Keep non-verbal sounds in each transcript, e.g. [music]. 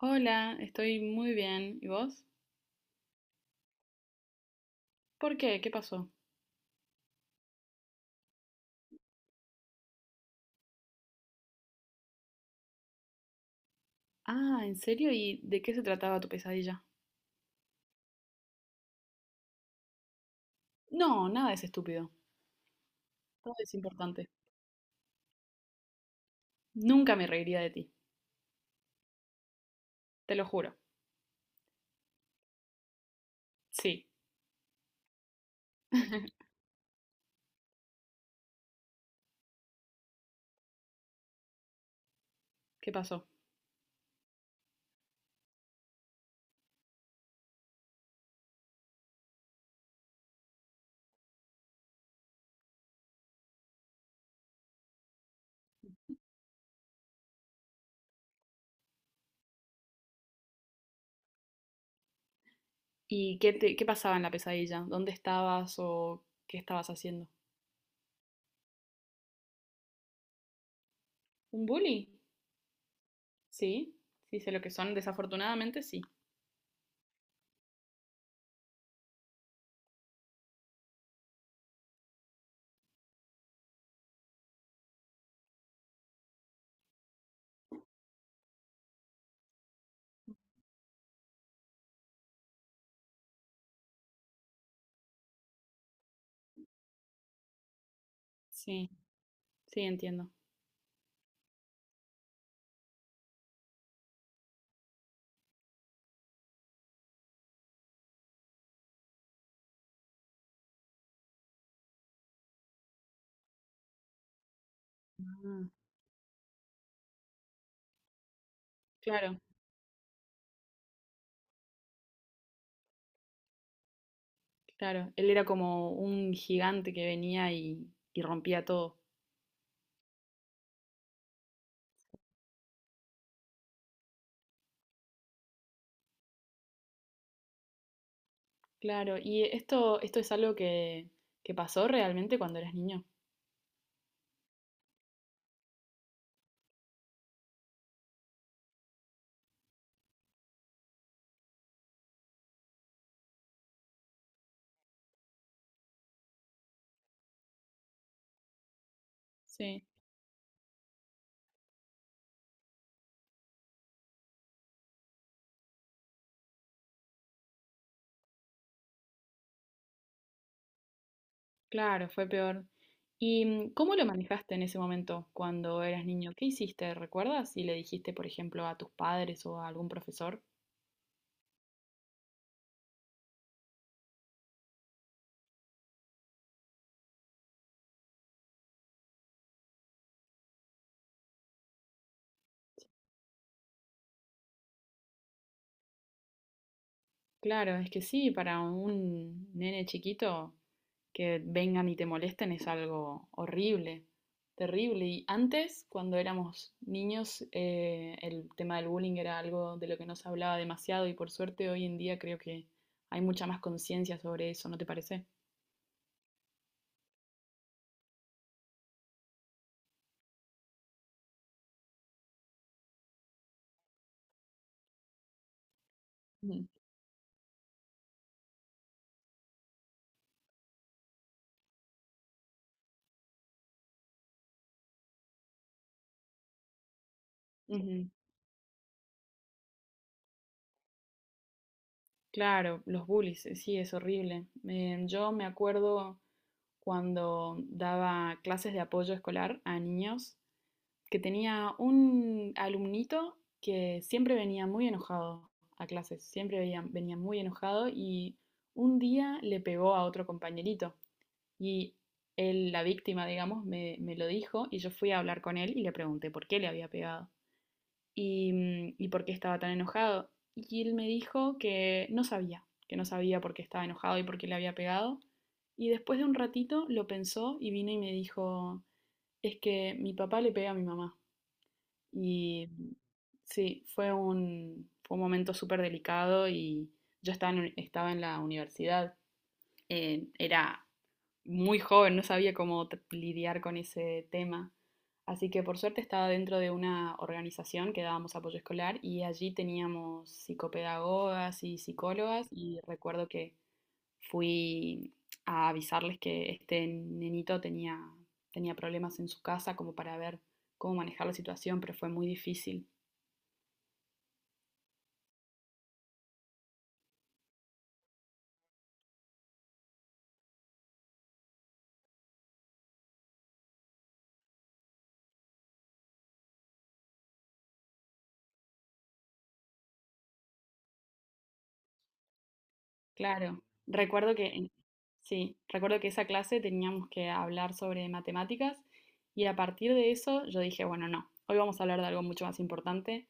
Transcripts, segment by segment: Hola, estoy muy bien. ¿Y vos? ¿Por qué? ¿Qué pasó? Ah, ¿en serio? ¿Y de qué se trataba tu pesadilla? No, nada es estúpido. Todo es importante. Nunca me reiría de ti, te lo juro. Sí. [laughs] ¿Qué pasó? ¿Y qué qué pasaba en la pesadilla? ¿Dónde estabas o qué estabas haciendo? ¿Un bully? Sí, sí, sé lo que son. Desafortunadamente, sí. Sí, sí, entiendo. Ah, claro, claro. Él era como un gigante que venía y rompía todo. Claro, y esto es algo que pasó realmente cuando eras niño. Sí. Claro, fue peor. ¿Y cómo lo manejaste en ese momento cuando eras niño? ¿Qué hiciste? ¿Recuerdas? Si le dijiste, por ejemplo, a tus padres o a algún profesor. Claro, es que sí, para un nene chiquito que vengan y te molesten es algo horrible, terrible. Y antes, cuando éramos niños, el tema del bullying era algo de lo que no se hablaba demasiado y por suerte hoy en día creo que hay mucha más conciencia sobre eso, ¿no te parece? Ujú. Ujú. Claro, los bullies, sí, es horrible. Yo me acuerdo cuando daba clases de apoyo escolar a niños que tenía un alumnito que siempre venía muy enojado a clases, siempre venía muy enojado y un día le pegó a otro compañerito y él, la víctima, digamos, me lo dijo y yo fui a hablar con él y le pregunté por qué le había pegado y por qué estaba tan enojado. Y él me dijo que no sabía por qué estaba enojado y por qué le había pegado. Y después de un ratito lo pensó y vino y me dijo, es que mi papá le pega a mi mamá. Y sí, fue fue un momento súper delicado y yo estaba estaba en la universidad. Eh, era muy joven, no sabía cómo lidiar con ese tema. Así que por suerte estaba dentro de una organización que dábamos apoyo escolar y allí teníamos psicopedagogas y psicólogas y recuerdo que fui a avisarles que este nenito tenía problemas en su casa como para ver cómo manejar la situación, pero fue muy difícil. Claro, recuerdo que, sí, recuerdo que esa clase teníamos que hablar sobre matemáticas y a partir de eso yo dije, bueno, no, hoy vamos a hablar de algo mucho más importante,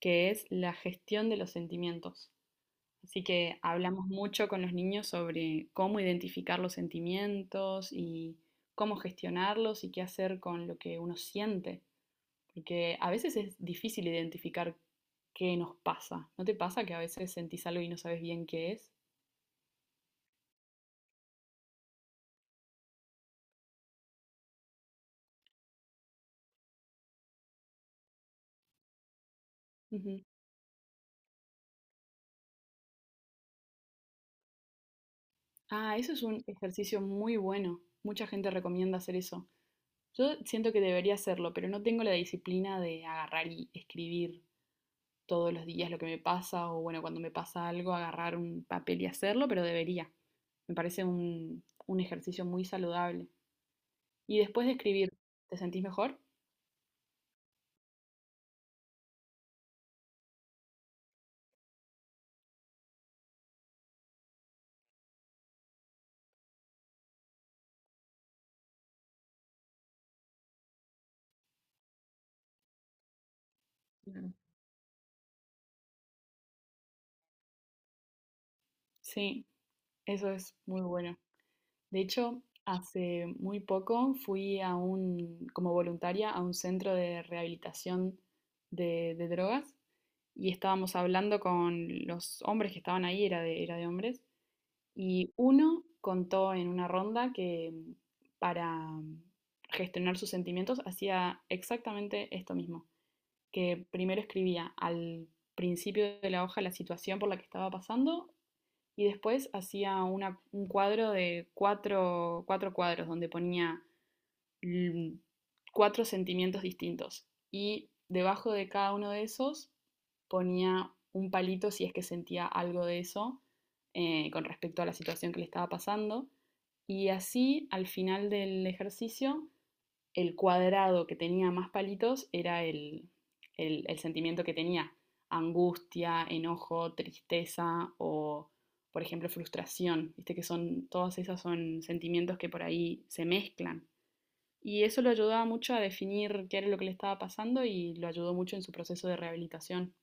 que es la gestión de los sentimientos. Así que hablamos mucho con los niños sobre cómo identificar los sentimientos y cómo gestionarlos y qué hacer con lo que uno siente. Porque a veces es difícil identificar qué nos pasa. ¿No te pasa que a veces sentís algo y no sabes bien qué es? Ujú. Ah, eso es un ejercicio muy bueno. Mucha gente recomienda hacer eso. Yo siento que debería hacerlo, pero no tengo la disciplina de agarrar y escribir todos los días lo que me pasa o bueno, cuando me pasa algo, agarrar un papel y hacerlo, pero debería. Me parece un ejercicio muy saludable. Y después de escribir, ¿te sentís mejor? Claro. Sí, eso es muy bueno. De hecho, hace muy poco fui a un, como voluntaria a un centro de rehabilitación de drogas y estábamos hablando con los hombres que estaban ahí, era era de hombres. Y uno contó en una ronda que para mm, gestionar sus sentimientos hacía exactamente esto mismo, que primero escribía al principio de la hoja la situación por la que estaba pasando y después hacía un cuadro de cuatro cuadros donde ponía cuatro sentimientos distintos y debajo de cada uno de esos ponía un palito si es que sentía algo de eso con respecto a la situación que le estaba pasando. Y así, al final del ejercicio, el cuadrado que tenía más palitos era el sentimiento que tenía. Angustia, enojo, tristeza o, por ejemplo, frustración. Viste que son, todas esas son sentimientos que por ahí se mezclan y eso lo ayudaba mucho a definir qué era lo que le estaba pasando y lo ayudó mucho en su proceso de rehabilitación.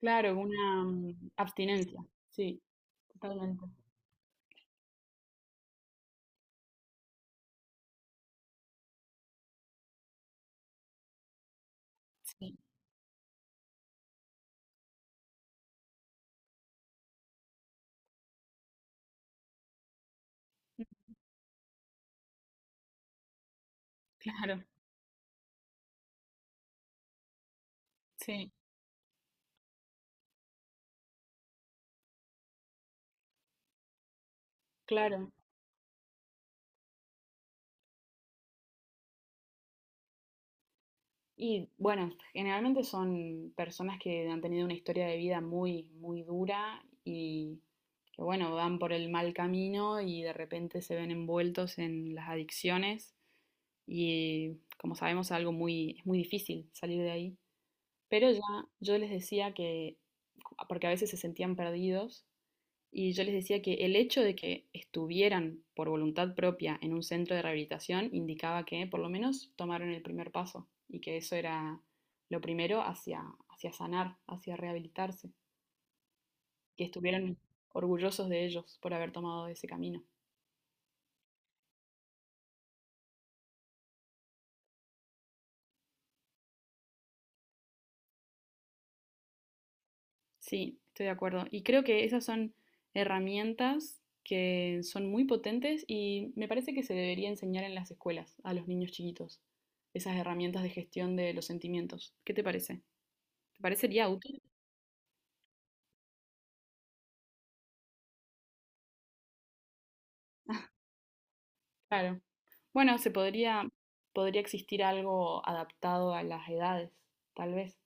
Claro, una abstinencia, sí, totalmente. Sí, claro, sí, claro. Y bueno, generalmente son personas que han tenido una historia de vida muy dura y que bueno, van por el mal camino y de repente se ven envueltos en las adicciones y como sabemos es algo es muy difícil salir de ahí. Pero ya yo les decía que, porque a veces se sentían perdidos, y yo les decía que el hecho de que estuvieran por voluntad propia en un centro de rehabilitación indicaba que por lo menos tomaron el primer paso y que eso era lo primero hacia sanar, hacia rehabilitarse, que estuvieran orgullosos de ellos por haber tomado ese camino. Sí, estoy de acuerdo. Y creo que esas son herramientas que son muy potentes y me parece que se debería enseñar en las escuelas a los niños chiquitos, esas herramientas de gestión de los sentimientos. ¿Qué te parece? ¿Te parecería útil? [laughs] Claro. Bueno, se podría, podría existir algo adaptado a las edades, tal vez.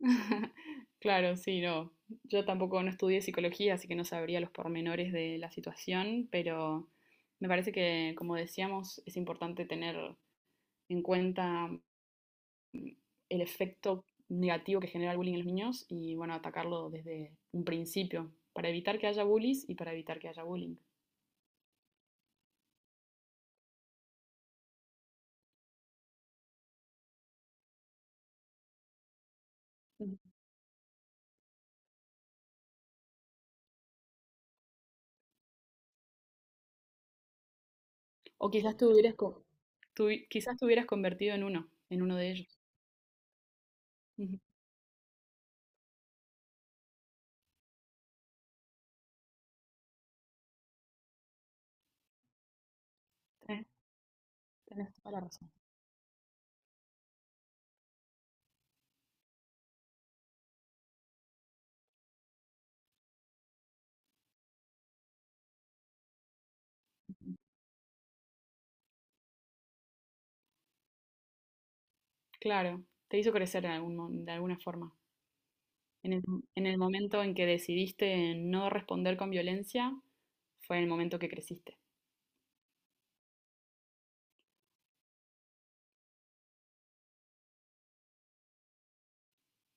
[laughs] Claro, sí, no. Yo tampoco no estudié psicología, así que no sabría los pormenores de la situación, pero me parece que, como decíamos, es importante tener en cuenta el efecto negativo que genera el bullying en los niños y, bueno, atacarlo desde un principio para evitar que haya bullies y para evitar que haya bullying. Ujú. O quizás te hubieras... Tú, quizás te hubieras convertido en uno de ellos. Ujú. Tenés, tenés toda la razón. Ujú. Claro, te hizo crecer de algún de alguna forma. En el, en el momento en que decidiste no responder con violencia, fue el momento que creciste.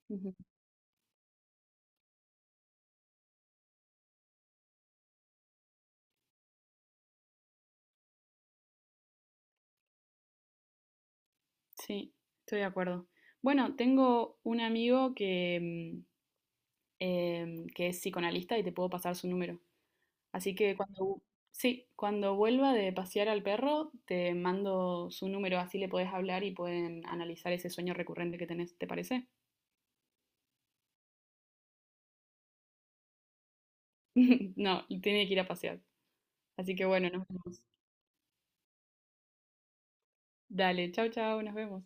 Ujú. Sí, estoy de acuerdo. Bueno, tengo un amigo que es psicoanalista y te puedo pasar su número. Así que cuando, sí, cuando vuelva de pasear al perro, te mando su número, así le podés hablar y pueden analizar ese sueño recurrente que tenés, ¿te parece? [laughs] No, tiene que ir a pasear. Así que bueno, nos vemos. Dale, chau, chau, nos vemos.